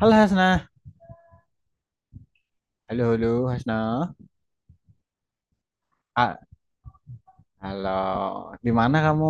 Halo Hasna. Halo, halo Hasna. Ah, halo. Di mana kamu?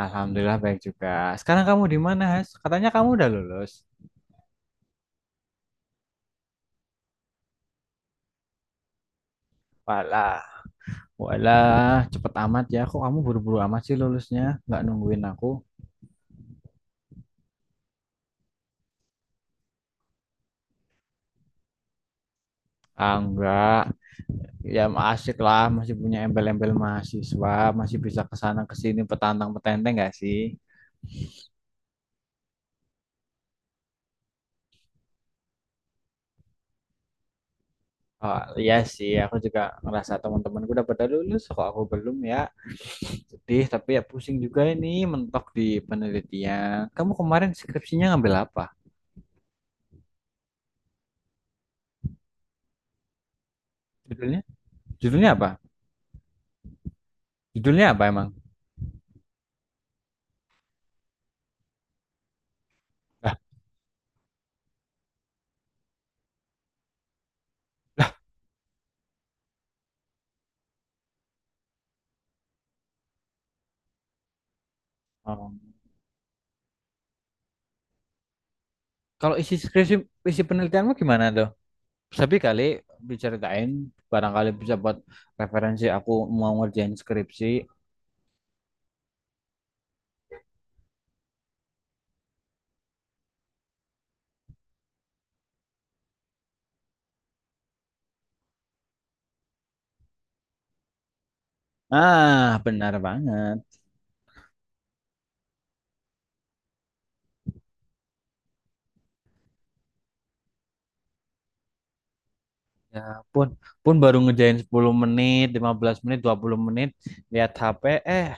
Alhamdulillah baik juga. Sekarang kamu di mana, Has? Katanya kamu udah lulus. Walah, walah, cepet amat ya. Kok kamu buru-buru amat sih lulusnya? Nggak nungguin aku? Ah, enggak. Ya asik lah, masih punya embel-embel mahasiswa, masih bisa kesana kesini petantang-petenteng nggak sih? Oh, iya sih, aku juga ngerasa teman-temanku udah pada lulus, kok aku belum ya. Sedih, tapi ya pusing juga ini mentok di penelitian. Kamu kemarin skripsinya ngambil apa? Judulnya? Judulnya apa? Judulnya apa emang? Ah, oh. Kalau isi skripsi, isi penelitianmu gimana tuh? Tapi kali diceritain, barangkali bisa buat referensi aku mau ngerjain skripsi. Ah, benar banget. Ya pun, pun baru ngerjain 10 menit, 15 menit, 20 menit, lihat HP, eh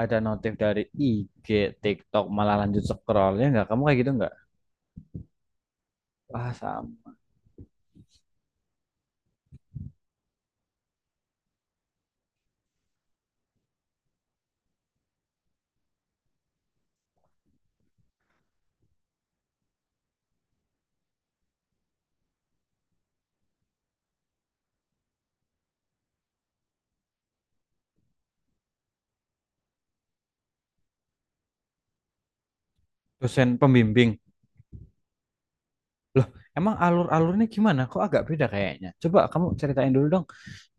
ada notif dari IG, TikTok, malah lanjut scroll. Ya nggak? Kamu kayak gitu nggak? Wah, dosen pembimbing. Loh, emang alur-alurnya gimana? Kok agak beda kayaknya? Coba kamu ceritain dulu dong,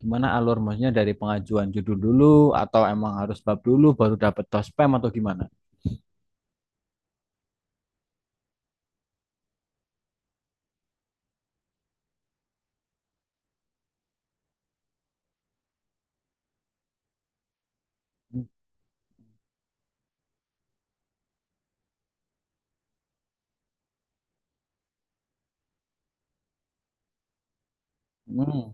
gimana alur maksudnya dari pengajuan judul dulu atau emang harus bab dulu baru dapet tospem atau gimana? Hmm.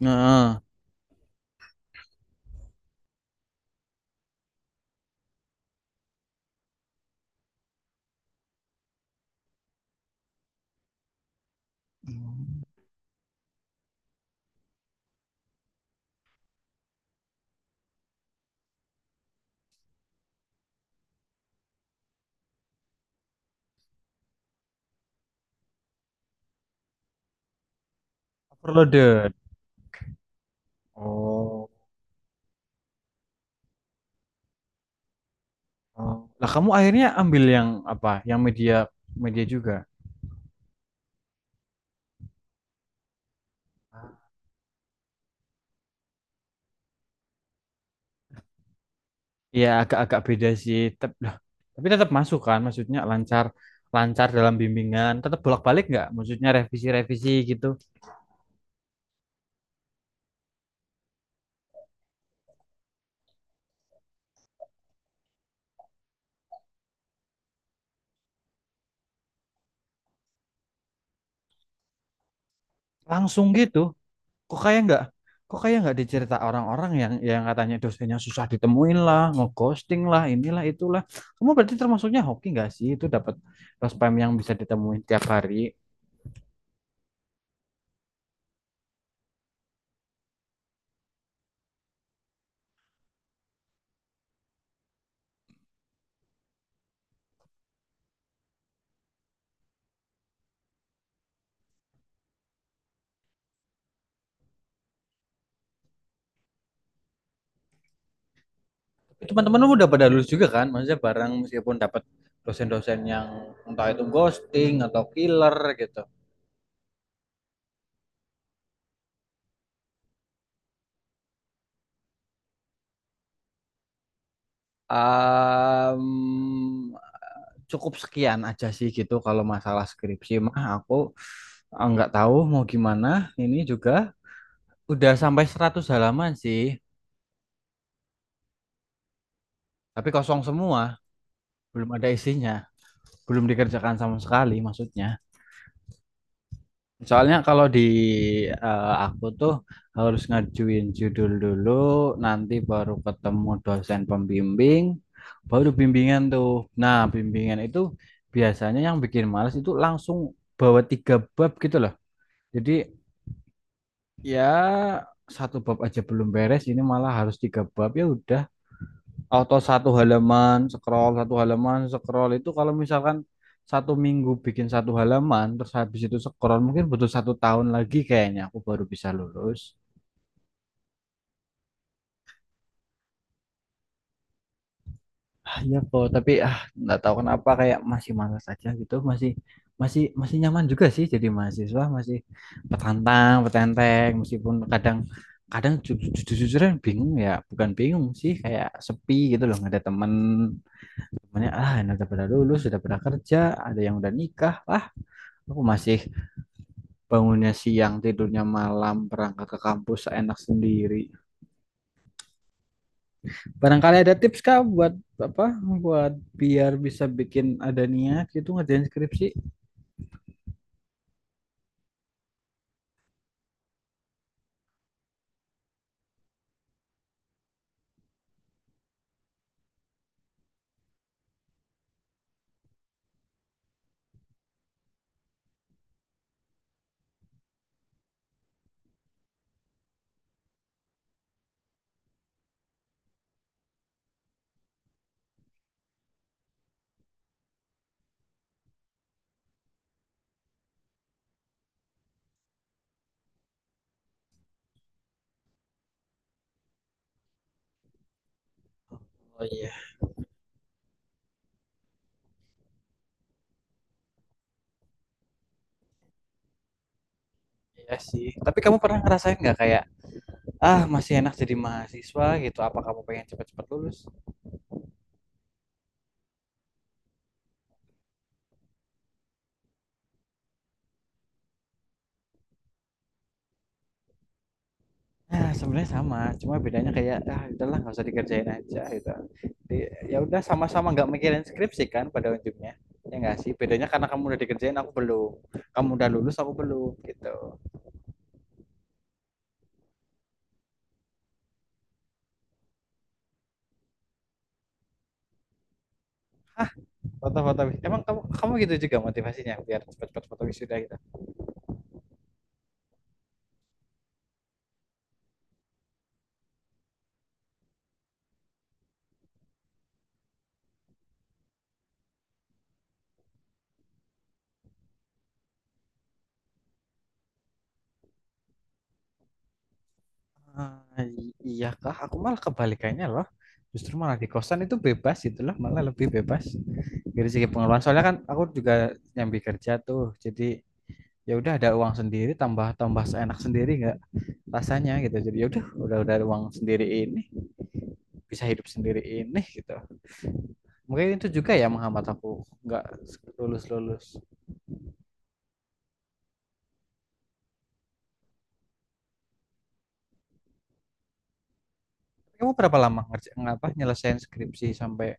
Nah, overloaded. Oh. Oh. Lah kamu akhirnya ambil yang apa? Yang media media juga. Iya, agak-agak beda sih. Lah, tapi tetap masuk kan, maksudnya lancar lancar dalam bimbingan, tetap bolak-balik nggak? Maksudnya revisi-revisi gitu. Langsung gitu. kok kayak nggak kok kayak nggak dicerita orang-orang yang katanya dosennya susah ditemuin lah, ngeghosting lah, inilah itulah. Kamu berarti termasuknya hoki nggak sih, itu dapat pas spam yang bisa ditemuin tiap hari? Teman-teman lu udah pada lulus juga kan, maksudnya bareng meskipun dapat dosen-dosen yang entah itu ghosting atau killer gitu. Em, Cukup sekian aja sih gitu, kalau masalah skripsi mah aku eh, nggak tahu mau gimana, ini juga udah sampai 100 halaman sih, tapi kosong semua, belum ada isinya, belum dikerjakan sama sekali maksudnya. Soalnya kalau eh, aku tuh harus ngajuin judul dulu, nanti baru ketemu dosen pembimbing, baru bimbingan tuh. Nah, bimbingan itu biasanya yang bikin males itu langsung bawa tiga bab gitu loh. Jadi ya satu bab aja belum beres, ini malah harus tiga bab, ya udah. Auto satu halaman, scroll itu kalau misalkan satu minggu bikin satu halaman, terus habis itu scroll mungkin butuh satu tahun lagi kayaknya aku baru bisa lulus. Ah, iya kok, tapi ah nggak tahu kenapa kayak masih malas aja gitu, masih masih masih nyaman juga sih jadi mahasiswa, masih petantang, petenteng, meskipun kadang kadang jujur-jujuran bingung ya, bukan bingung sih kayak sepi gitu loh, nggak ada temen temennya, ah ini udah pada lulus, sudah pada kerja, ada yang udah nikah. Aku masih bangunnya siang, tidurnya malam, berangkat ke kampus enak sendiri. Barangkali ada tips kah buat apa? Buat biar bisa bikin ada niat gitu ngerjain skripsi. Oh iya, iya sih. Tapi kamu pernah ngerasain nggak kayak ah masih enak jadi mahasiswa gitu? Apa kamu pengen cepet-cepet lulus? Nah, sebenarnya sama, cuma bedanya kayak ah udahlah nggak usah dikerjain aja gitu. Jadi, ya udah sama-sama nggak mikirin skripsi kan pada ujungnya. Ya nggak sih? Bedanya karena kamu udah dikerjain aku belum. Kamu udah lulus aku belum gitu. Hah, foto-foto emang kamu kamu gitu juga motivasinya biar cepat-cepat foto wisuda gitu. Ah, iya kah? Aku malah kebalikannya loh. Justru malah di kosan itu bebas gitu loh, malah lebih bebas dari segi pengeluaran. Soalnya kan aku juga nyambi kerja tuh. Jadi ya udah ada uang sendiri, tambah tambah seenak sendiri nggak rasanya gitu, jadi yaudah udah uang sendiri ini, bisa hidup sendiri ini gitu, mungkin itu juga ya menghambat aku nggak lulus lulus. Kamu berapa lama ngerjain, apa, nyelesain skripsi sampai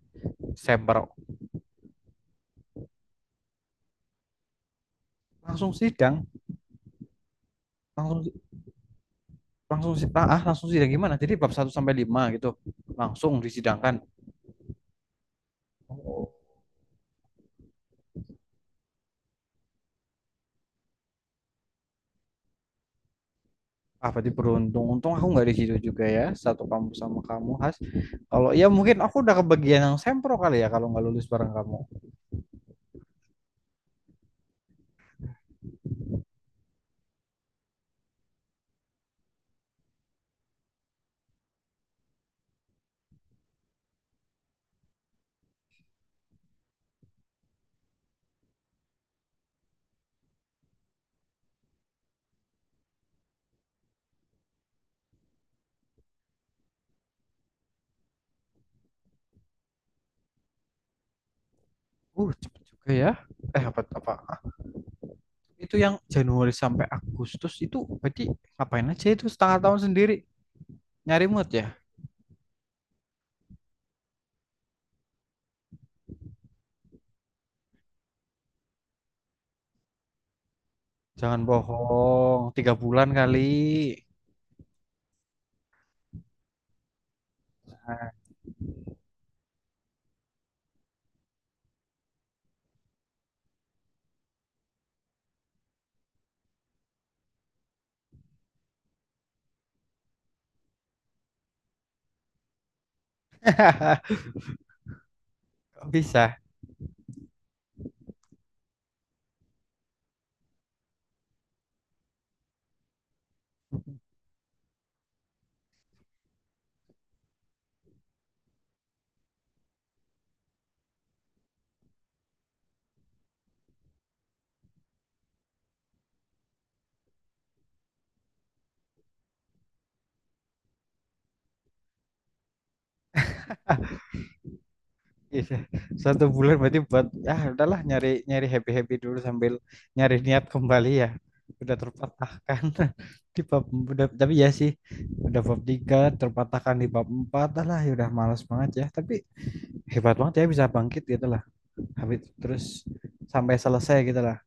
September? Langsung sidang. Langsung langsung si- ah ah, langsung sidang, gimana? Jadi bab satu sampai 5 gitu langsung disidangkan? Oh, ah berarti beruntung, untung aku nggak di situ juga ya, satu kampus sama kamu, Has. Kalau ya mungkin aku udah kebagian yang sempro kali ya, kalau nggak lulus bareng kamu. Cepet juga ya. Eh, apa apa, itu yang Januari sampai Agustus itu berarti ngapain aja? Itu setengah tahun sendiri, nyari mood ya? Jangan bohong, 3 bulan kali. Bisa? Bisa. Satu bulan berarti buat ya udahlah nyari nyari happy happy dulu sambil nyari niat kembali ya. Udah terpatahkan di bab, udah. Tapi ya sih udah bab tiga terpatahkan di bab empat, ah lah ya udah malas banget ya. Tapi hebat banget ya bisa bangkit gitu lah. Habis terus sampai selesai gitu lah.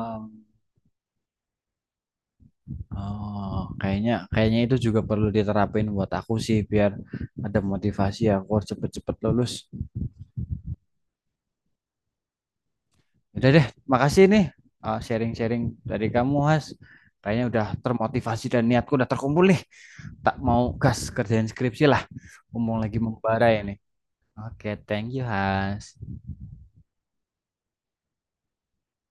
Em, Oh, kayaknya kayaknya itu juga perlu diterapin buat aku sih, biar ada motivasi aku harus cepet-cepet lulus. Udah deh, makasih nih, sharing-sharing dari kamu, Has. Kayaknya udah termotivasi dan niatku udah terkumpul nih. Tak mau gas kerjain skripsi lah. Ngomong lagi membara ini. Oke, thank you, Has.